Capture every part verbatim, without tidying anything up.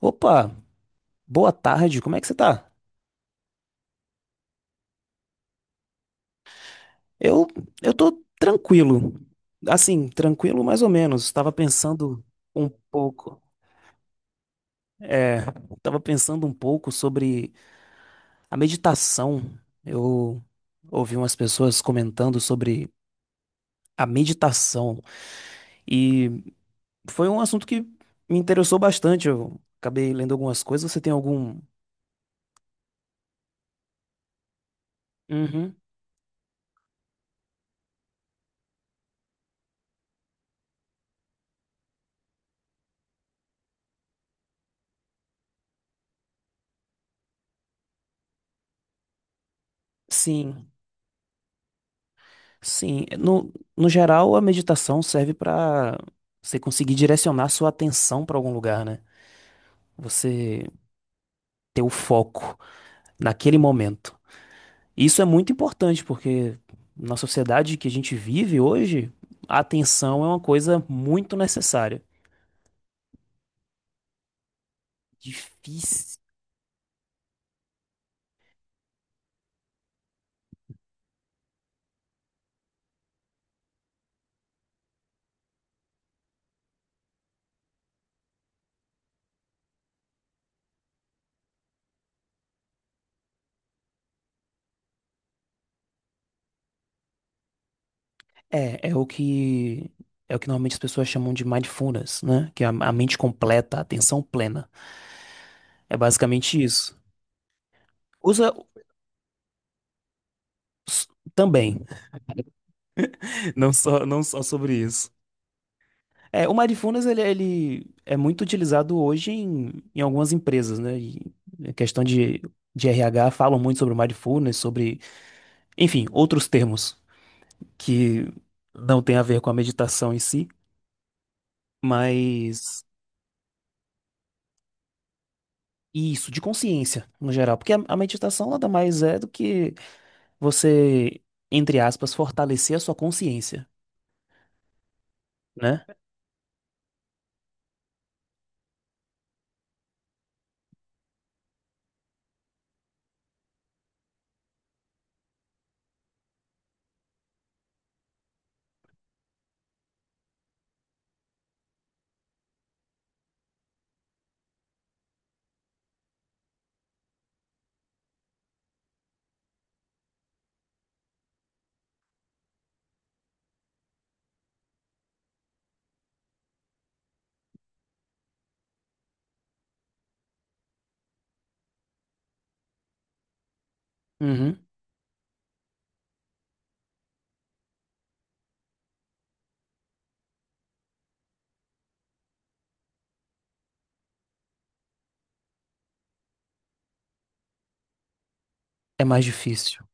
Opa, boa tarde, como é que você tá? Eu, eu tô tranquilo. Assim, tranquilo mais ou menos. Estava pensando um pouco. É, estava pensando um pouco sobre a meditação. Eu ouvi umas pessoas comentando sobre a meditação e foi um assunto que me interessou bastante. Eu acabei lendo algumas coisas. Você tem algum? Uhum. Sim. Sim, no, no geral, a meditação serve para você conseguir direcionar sua atenção para algum lugar, né? Você ter o foco naquele momento. Isso é muito importante porque na sociedade que a gente vive hoje, a atenção é uma coisa muito necessária. Difícil. É, é o que é o que normalmente as pessoas chamam de mindfulness, né? Que é a, a mente completa, a atenção plena. É basicamente isso. Usa s- também, não só não só sobre isso. É, o Mindfulness, ele, ele é muito utilizado hoje em, em algumas empresas, né? E a questão de, de R H falam muito sobre o Mindfulness, sobre, enfim, outros termos que não tem a ver com a meditação em si, mas isso, de consciência, no geral. Porque a, a meditação nada mais é do que você, entre aspas, fortalecer a sua consciência, né? Uhum. É mais difícil.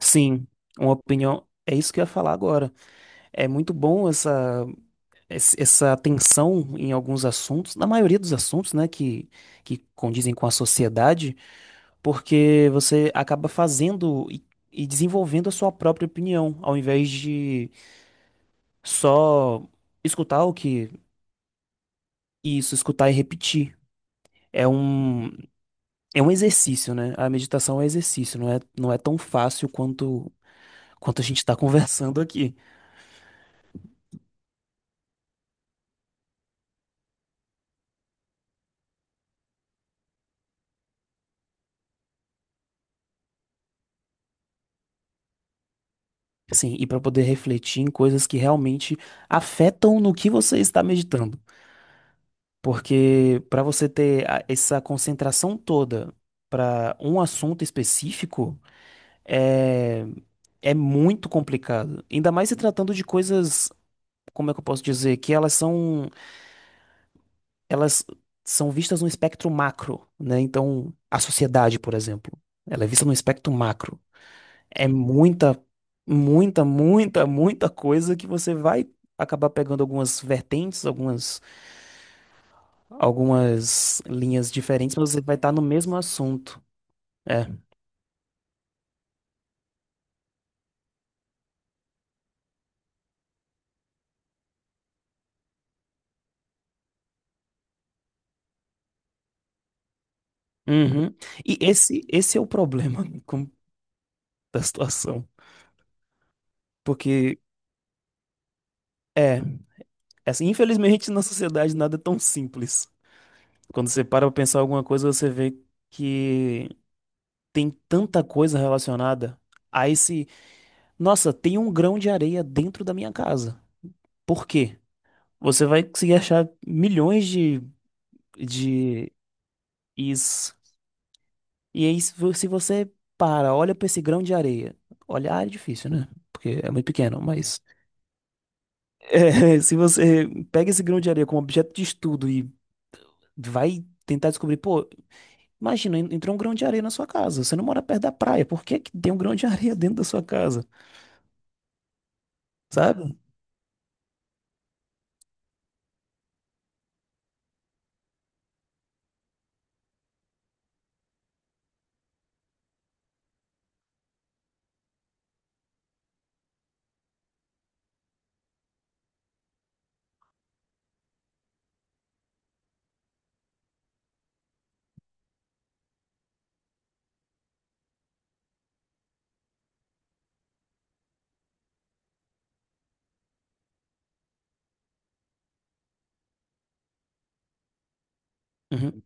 Sim, uma opinião. É isso que eu ia falar agora. É muito bom essa. esse- essa tensão em alguns assuntos, na maioria dos assuntos, né, que, que condizem com a sociedade, porque você acaba fazendo e, e desenvolvendo a sua própria opinião, ao invés de só escutar o que, isso, escutar e repetir. É um, é um exercício, né? A meditação é um exercício, não é, não é tão fácil quanto, quanto a gente está conversando aqui. Assim, e para poder refletir em coisas que realmente afetam no que você está meditando. Porque para você ter a- essa concentração toda para um assunto específico é, é muito complicado. Ainda mais se tratando de coisas, como é que eu posso dizer, que elas são elas são vistas num espectro macro, né? Então, a sociedade, por exemplo, ela é vista num espectro macro. É muita, muita, muita, muita coisa que você vai acabar pegando algumas vertentes, algumas algumas linhas diferentes, mas você vai estar no mesmo assunto. É. Uhum. E esse, esse é o problema com- da situação. Porque, é, assim, infelizmente na sociedade nada é tão simples. Quando você para pra pensar alguma coisa, você vê que tem tanta coisa relacionada a esse. Nossa, tem um grão de areia dentro da minha casa. Por quê? Você vai conseguir achar milhões de, de is E aí, se vo- se você para, olha para esse grão de areia. Olhar é difícil, né? Porque é muito pequeno, mas é, se você pega esse grão de areia como objeto de estudo e vai tentar descobrir, pô, imagina, en- entrou um grão de areia na sua casa. Você não mora perto da praia. Por que que tem um grão de areia dentro da sua casa? Sabe? Uhum.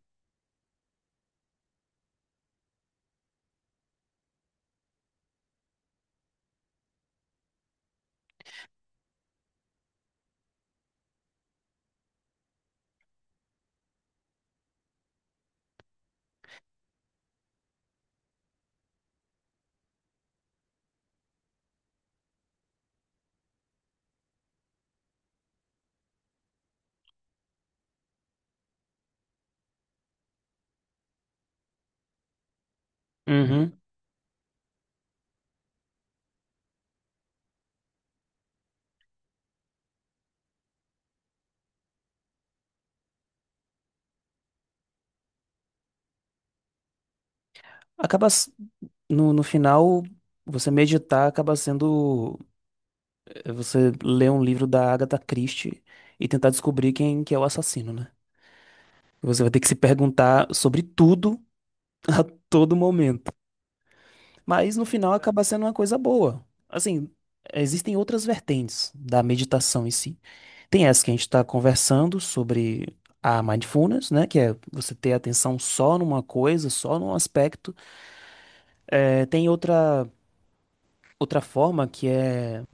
Uhum. Acaba s- no, no final, você meditar acaba sendo eh, você ler um livro da Agatha Christie e tentar descobrir quem que é o assassino, né? Você vai ter que se perguntar sobre tudo a todo momento. Mas no final acaba sendo uma coisa boa. Assim, existem outras vertentes da meditação em si. Tem essa que a gente está conversando sobre a mindfulness, né? Que é você ter atenção só numa coisa, só num aspecto. É, tem outra, outra forma que é,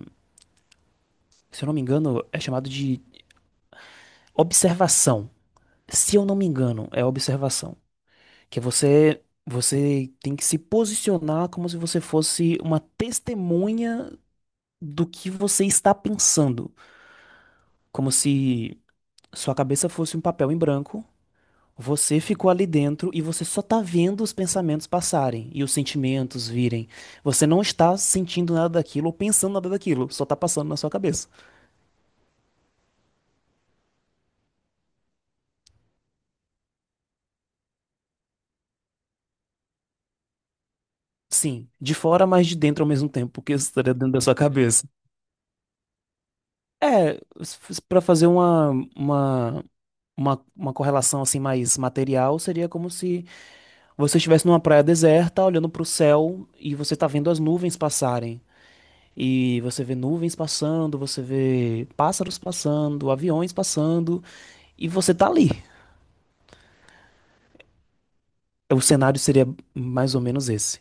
se eu não me engano, é chamado de observação. Se eu não me engano, é observação. Que você você tem que se posicionar como se você fosse uma testemunha do que você está pensando, como se sua cabeça fosse um papel em branco. Você ficou ali dentro e você só tá vendo os pensamentos passarem e os sentimentos virem. Você não está sentindo nada daquilo ou pensando nada daquilo, só tá passando na sua cabeça. Sim, de fora, mas de dentro ao mesmo tempo, porque isso estaria dentro da sua cabeça. É, s- s- pra fazer uma, uma uma, uma correlação assim mais material seria como se você estivesse numa praia deserta, olhando para o céu e você está vendo as nuvens passarem. E você vê nuvens passando, você vê pássaros passando, aviões passando, e você tá ali. O cenário seria mais ou menos esse.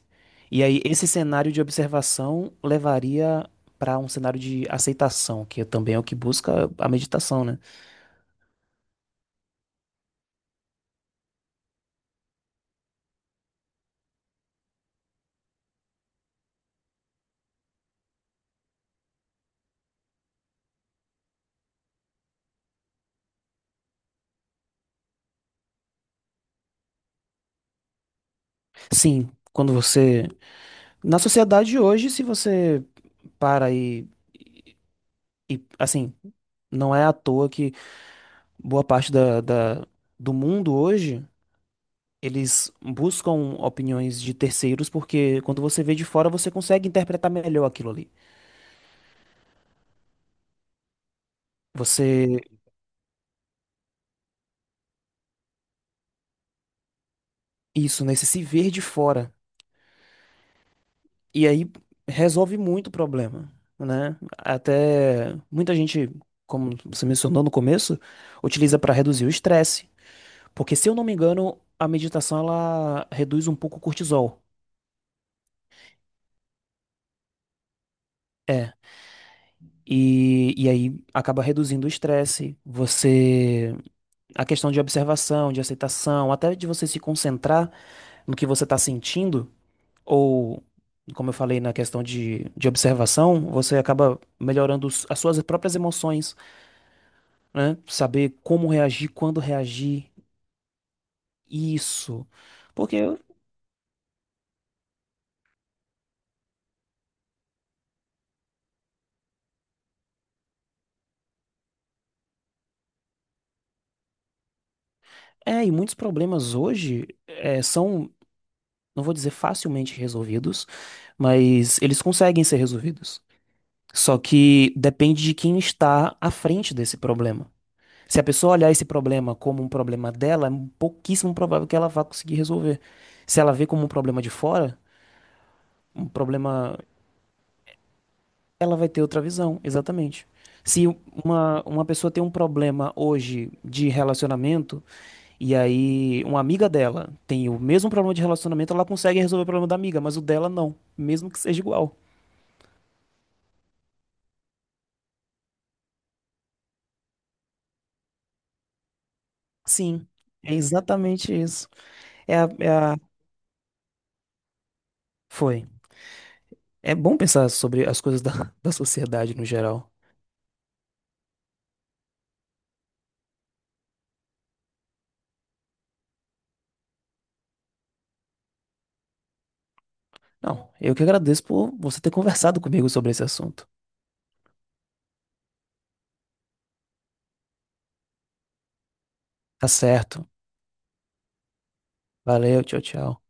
E aí, esse cenário de observação levaria para um cenário de aceitação, que é também é o que busca a meditação, né? Sim, quando você. Na sociedade de hoje, se você para e E, assim, não é à toa que boa parte da, da- do mundo hoje eles buscam opiniões de terceiros, porque quando você vê de fora, você consegue interpretar melhor aquilo ali. Você, isso, né? Você se ver de fora. E aí resolve muito o problema, né? Até muita gente, como você mencionou no começo, utiliza para reduzir o estresse. Porque, se eu não me engano, a meditação ela reduz um pouco o cortisol. É, E, e aí acaba reduzindo o estresse, você, a questão de observação, de aceitação, até de você se concentrar no que você está sentindo, ou, como eu falei na questão de, de observação, você acaba melhorando os- as suas próprias emoções, né? Saber como reagir, quando reagir, isso. Porque, é, e muitos problemas hoje é, são, não vou dizer facilmente resolvidos, mas eles conseguem ser resolvidos. Só que depende de quem está à frente desse problema. Se a pessoa olhar esse problema como um problema dela, é pouquíssimo provável que ela vá conseguir resolver. Se ela vê como um problema de fora, um problema, ela vai ter outra visão, exatamente. Se uma, uma pessoa tem um problema hoje de relacionamento, e aí uma amiga dela tem o mesmo problema de relacionamento, ela consegue resolver o problema da amiga, mas o dela não, mesmo que seja igual. Sim, é exatamente isso. É a, é a... Foi. É bom pensar sobre as coisas da, da sociedade no geral. Não, eu que agradeço por você ter conversado comigo sobre esse assunto. Tá certo. Valeu, tchau, tchau.